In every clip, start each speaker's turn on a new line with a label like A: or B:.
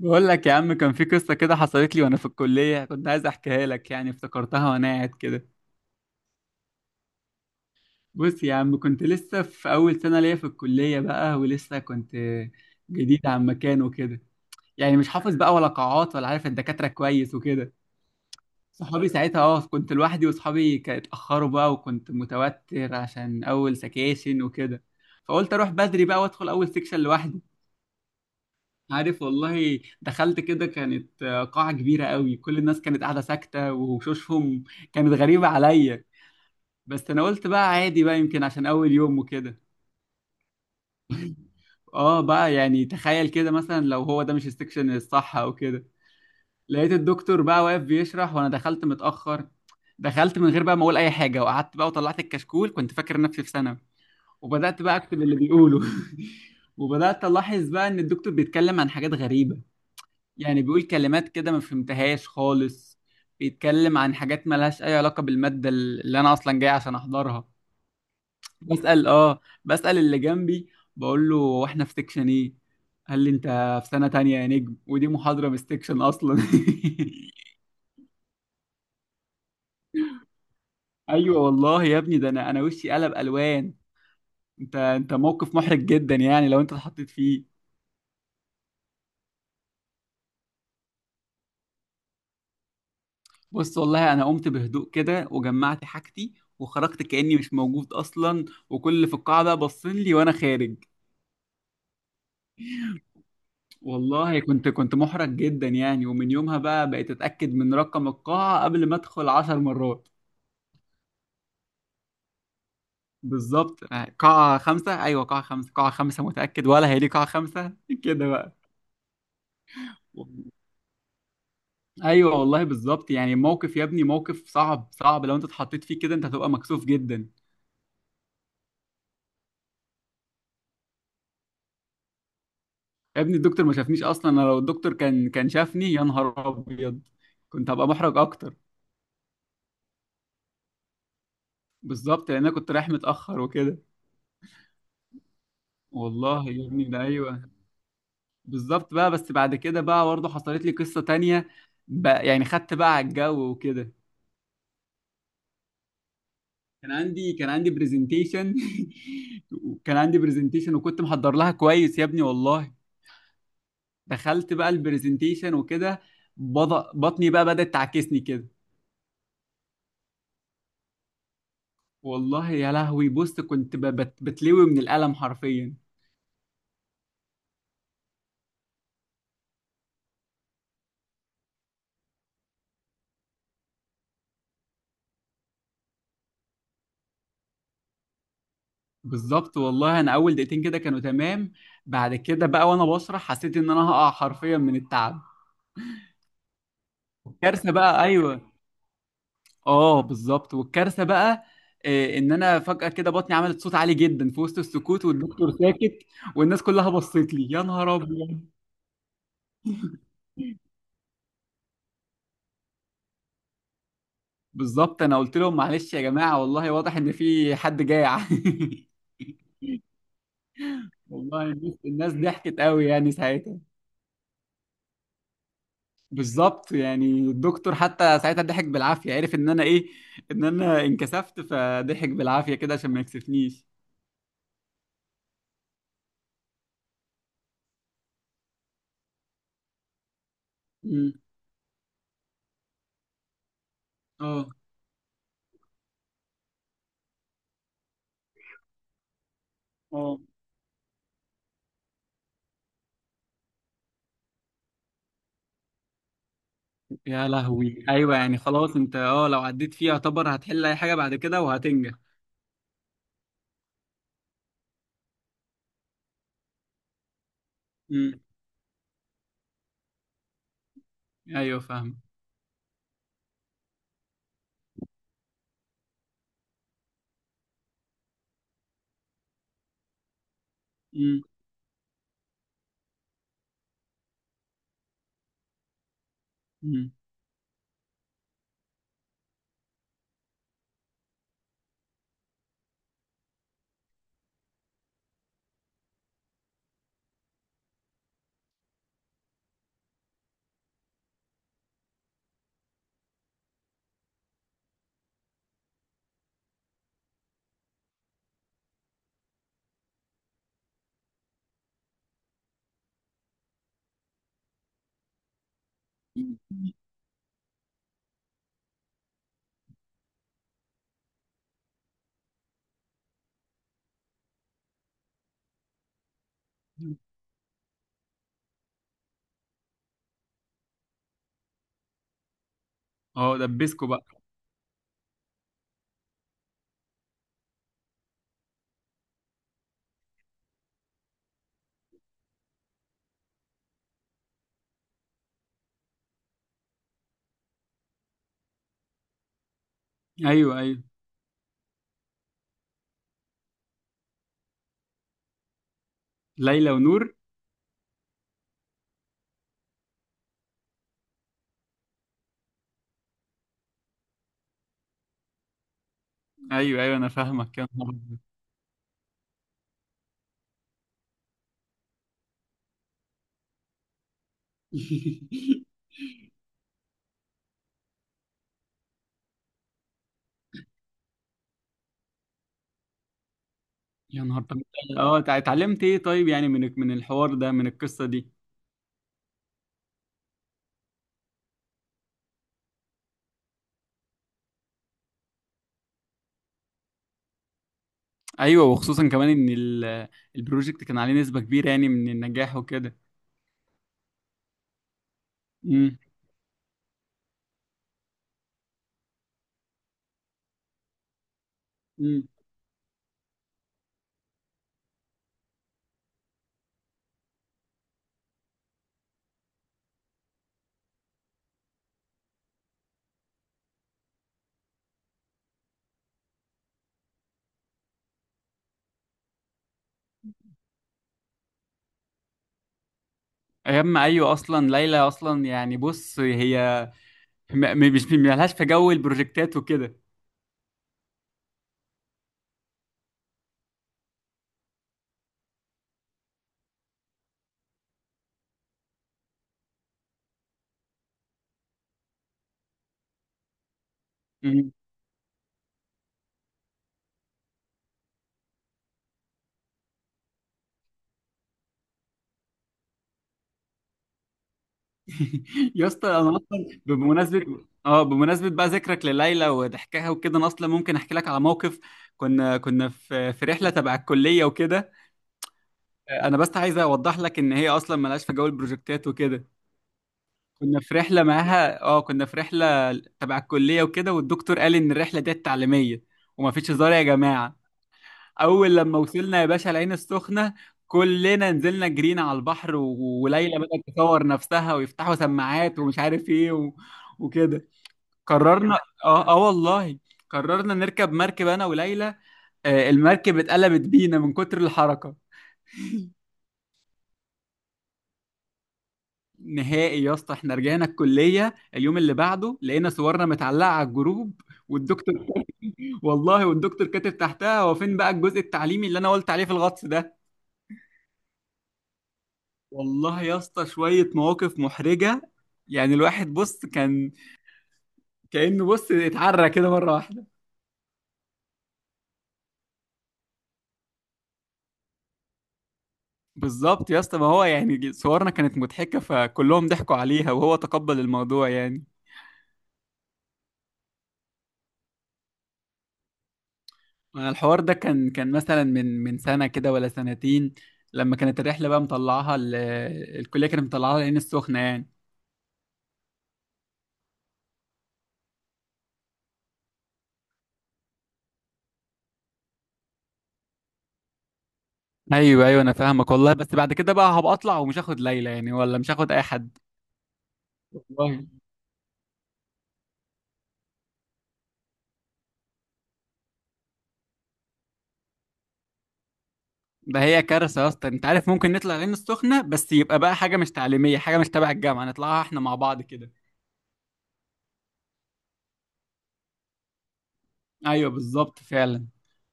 A: بقول لك يا عم، كان في قصة كده حصلت لي وانا في الكلية، كنت عايز احكيها لك، يعني افتكرتها وانا قاعد كده. بص يا عم، كنت لسه في اول سنة ليا في الكلية بقى ولسه كنت جديد عن مكان وكده، يعني مش حافظ بقى ولا قاعات ولا عارف الدكاترة كويس وكده. صحابي ساعتها كنت لوحدي، وصحابي كانوا اتأخروا بقى، وكنت متوتر عشان اول سكاشن وكده، فقلت اروح بدري بقى وادخل اول سكشن لوحدي. عارف والله، دخلت كده كانت قاعة كبيرة قوي، كل الناس كانت قاعدة ساكتة، وشوشهم كانت غريبة عليا، بس أنا قلت بقى عادي بقى، يمكن عشان أول يوم وكده. اه بقى، يعني تخيل كده مثلا لو هو ده مش السكشن الصح أو كده. لقيت الدكتور بقى واقف بيشرح وأنا دخلت متأخر، دخلت من غير بقى ما أقول أي حاجة، وقعدت بقى وطلعت الكشكول، كنت فاكر نفسي في سنة، وبدأت بقى أكتب اللي بيقوله. وبدأت ألاحظ بقى إن الدكتور بيتكلم عن حاجات غريبة، يعني بيقول كلمات كده ما فهمتهاش خالص، بيتكلم عن حاجات مالهاش اي علاقة بالمادة اللي انا اصلا جاي عشان احضرها. بسأل بسأل اللي جنبي، بقول له واحنا في سيكشن ايه؟ قال لي انت في سنة تانية يا نجم، ودي محاضرة من السيكشن اصلا. ايوه والله يا ابني، ده انا وشي قلب الوان. انت موقف محرج جدا يعني لو انت اتحطيت فيه. بص والله، انا قمت بهدوء كده وجمعت حاجتي وخرجت كأني مش موجود اصلا، وكل اللي في القاعة بقى باصين لي وانا خارج. والله كنت محرج جدا يعني، ومن يومها بقى بقيت اتاكد من رقم القاعه قبل ما ادخل 10 مرات. بالظبط، قاعه خمسه، ايوه قاعه خمسه، قاعه خمسه، متاكد ولا هي دي قاعه خمسه، كده بقى. ايوه والله بالظبط، يعني موقف يا ابني، موقف صعب، صعب لو انت اتحطيت فيه كده، انت هتبقى مكسوف جدا. يا ابني الدكتور ما شافنيش اصلا، انا لو الدكتور كان شافني، يا نهار ابيض كنت هبقى محرج اكتر. بالظبط، لان انا كنت رايح متاخر وكده. والله يا ابني ده ايوه بالظبط بقى. بس بعد كده بقى برضه حصلت لي قصة تانية بقى، يعني خدت بقى على الجو وكده. كان عندي برزنتيشن. وكان عندي برزنتيشن، وكنت محضر لها كويس يا ابني والله. دخلت بقى البرزنتيشن وكده، بطني بقى بدأت تعكسني كده. والله يا لهوي، بص كنت بتلوي من الألم حرفيا. بالظبط والله، انا اول دقيقتين كده كانوا تمام، بعد كده بقى وانا بشرح حسيت ان انا هقع حرفيا من التعب. كارثة بقى ايوه. اه بالظبط، والكارثه بقى ان انا فجاه كده بطني عملت صوت عالي جدا في وسط السكوت والدكتور ساكت، والناس كلها بصت لي يا نهار ابيض. بالظبط، انا قلت لهم معلش يا جماعه، والله واضح ان في حد جاع. والله الناس ضحكت قوي يعني ساعتها. بالظبط يعني، الدكتور حتى ساعتها ضحك بالعافيه، عرف ان انا ايه، ان انا انكسفت، فضحك بالعافيه كده عشان ما يكسفنيش. امم. اه. اه يا لهوي، ايوه يعني خلاص انت، اه لو عديت فيه يعتبر هتحل اي حاجه بعد كده وهتنجح. امم. ايوه فاهم. امم. امم. اه دبسكوا بقى. ايوه، ايوه. ليلى ونور. ايوه ايوه انا فاهمك، يا نهار أبيض. يا نهار، طب اتعلمت ايه طيب، يعني من الحوار ده، من القصه دي. ايوه، وخصوصا كمان ان البروجكت كان عليه نسبه كبيره يعني من النجاح وكده. امم. امم. ايام ايوه، اصلا ليلى اصلا يعني بص هي مش مالهاش في جو البروجكتات وكده. مم. يا اسطى، انا اصلا بمناسبه، بمناسبه بقى ذكرك لليلى وضحكها وكده، انا اصلا ممكن احكي لك على موقف. كنا في رحله تبع الكليه وكده. انا بس عايز اوضح لك ان هي اصلا مالهاش في جو البروجكتات وكده. كنا في رحله معاها، اه كنا في رحله تبع الكليه وكده، والدكتور قال ان الرحله دي تعليميه وما فيش هزار يا جماعه. اول لما وصلنا يا باشا العين السخنه، كلنا نزلنا جرينا على البحر، وليلى بدأت تصور نفسها، ويفتحوا سماعات ومش عارف ايه وكده. قررنا، اه اه والله، قررنا نركب مركب انا وليلى. آه، المركب اتقلبت بينا من كتر الحركه. نهائي يا اسطى، احنا رجعنا الكليه اليوم اللي بعده، لقينا صورنا متعلقه على الجروب، والدكتور، والله، والدكتور كاتب تحتها هو فين بقى الجزء التعليمي اللي انا قلت عليه في الغطس ده. والله يا اسطى، شوية مواقف محرجة يعني، الواحد بص كان كأنه بص اتعرى كده مرة واحدة. بالظبط يا اسطى، ما هو يعني صورنا كانت مضحكة، فكلهم ضحكوا عليها وهو تقبل الموضوع يعني. أنا الحوار ده كان مثلا من سنة كده ولا سنتين، لما كانت الرحلة بقى مطلعاها الكلية، كانت مطلعاها العين السخنة يعني. ايوه ايوه انا فاهمك والله، بس بعد كده بقى هبقى اطلع ومش هاخد ليلى يعني، ولا مش هاخد اي حد. والله. ده هي كارثة يا اسطى، انت عارف ممكن نطلع العين السخنة، بس يبقى بقى حاجة مش تعليمية، حاجة مش تبع الجامعة، نطلعها احنا مع بعض كده. ايوه بالظبط فعلا.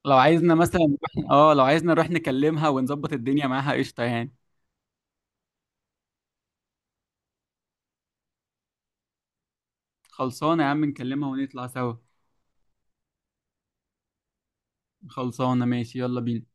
A: لو عايزنا مثلا لو عايزنا نروح نكلمها ونظبط الدنيا معاها قشطة يعني. خلصانة يا عم، نكلمها ونطلع سوا. خلصانة، ماشي، يلا بينا.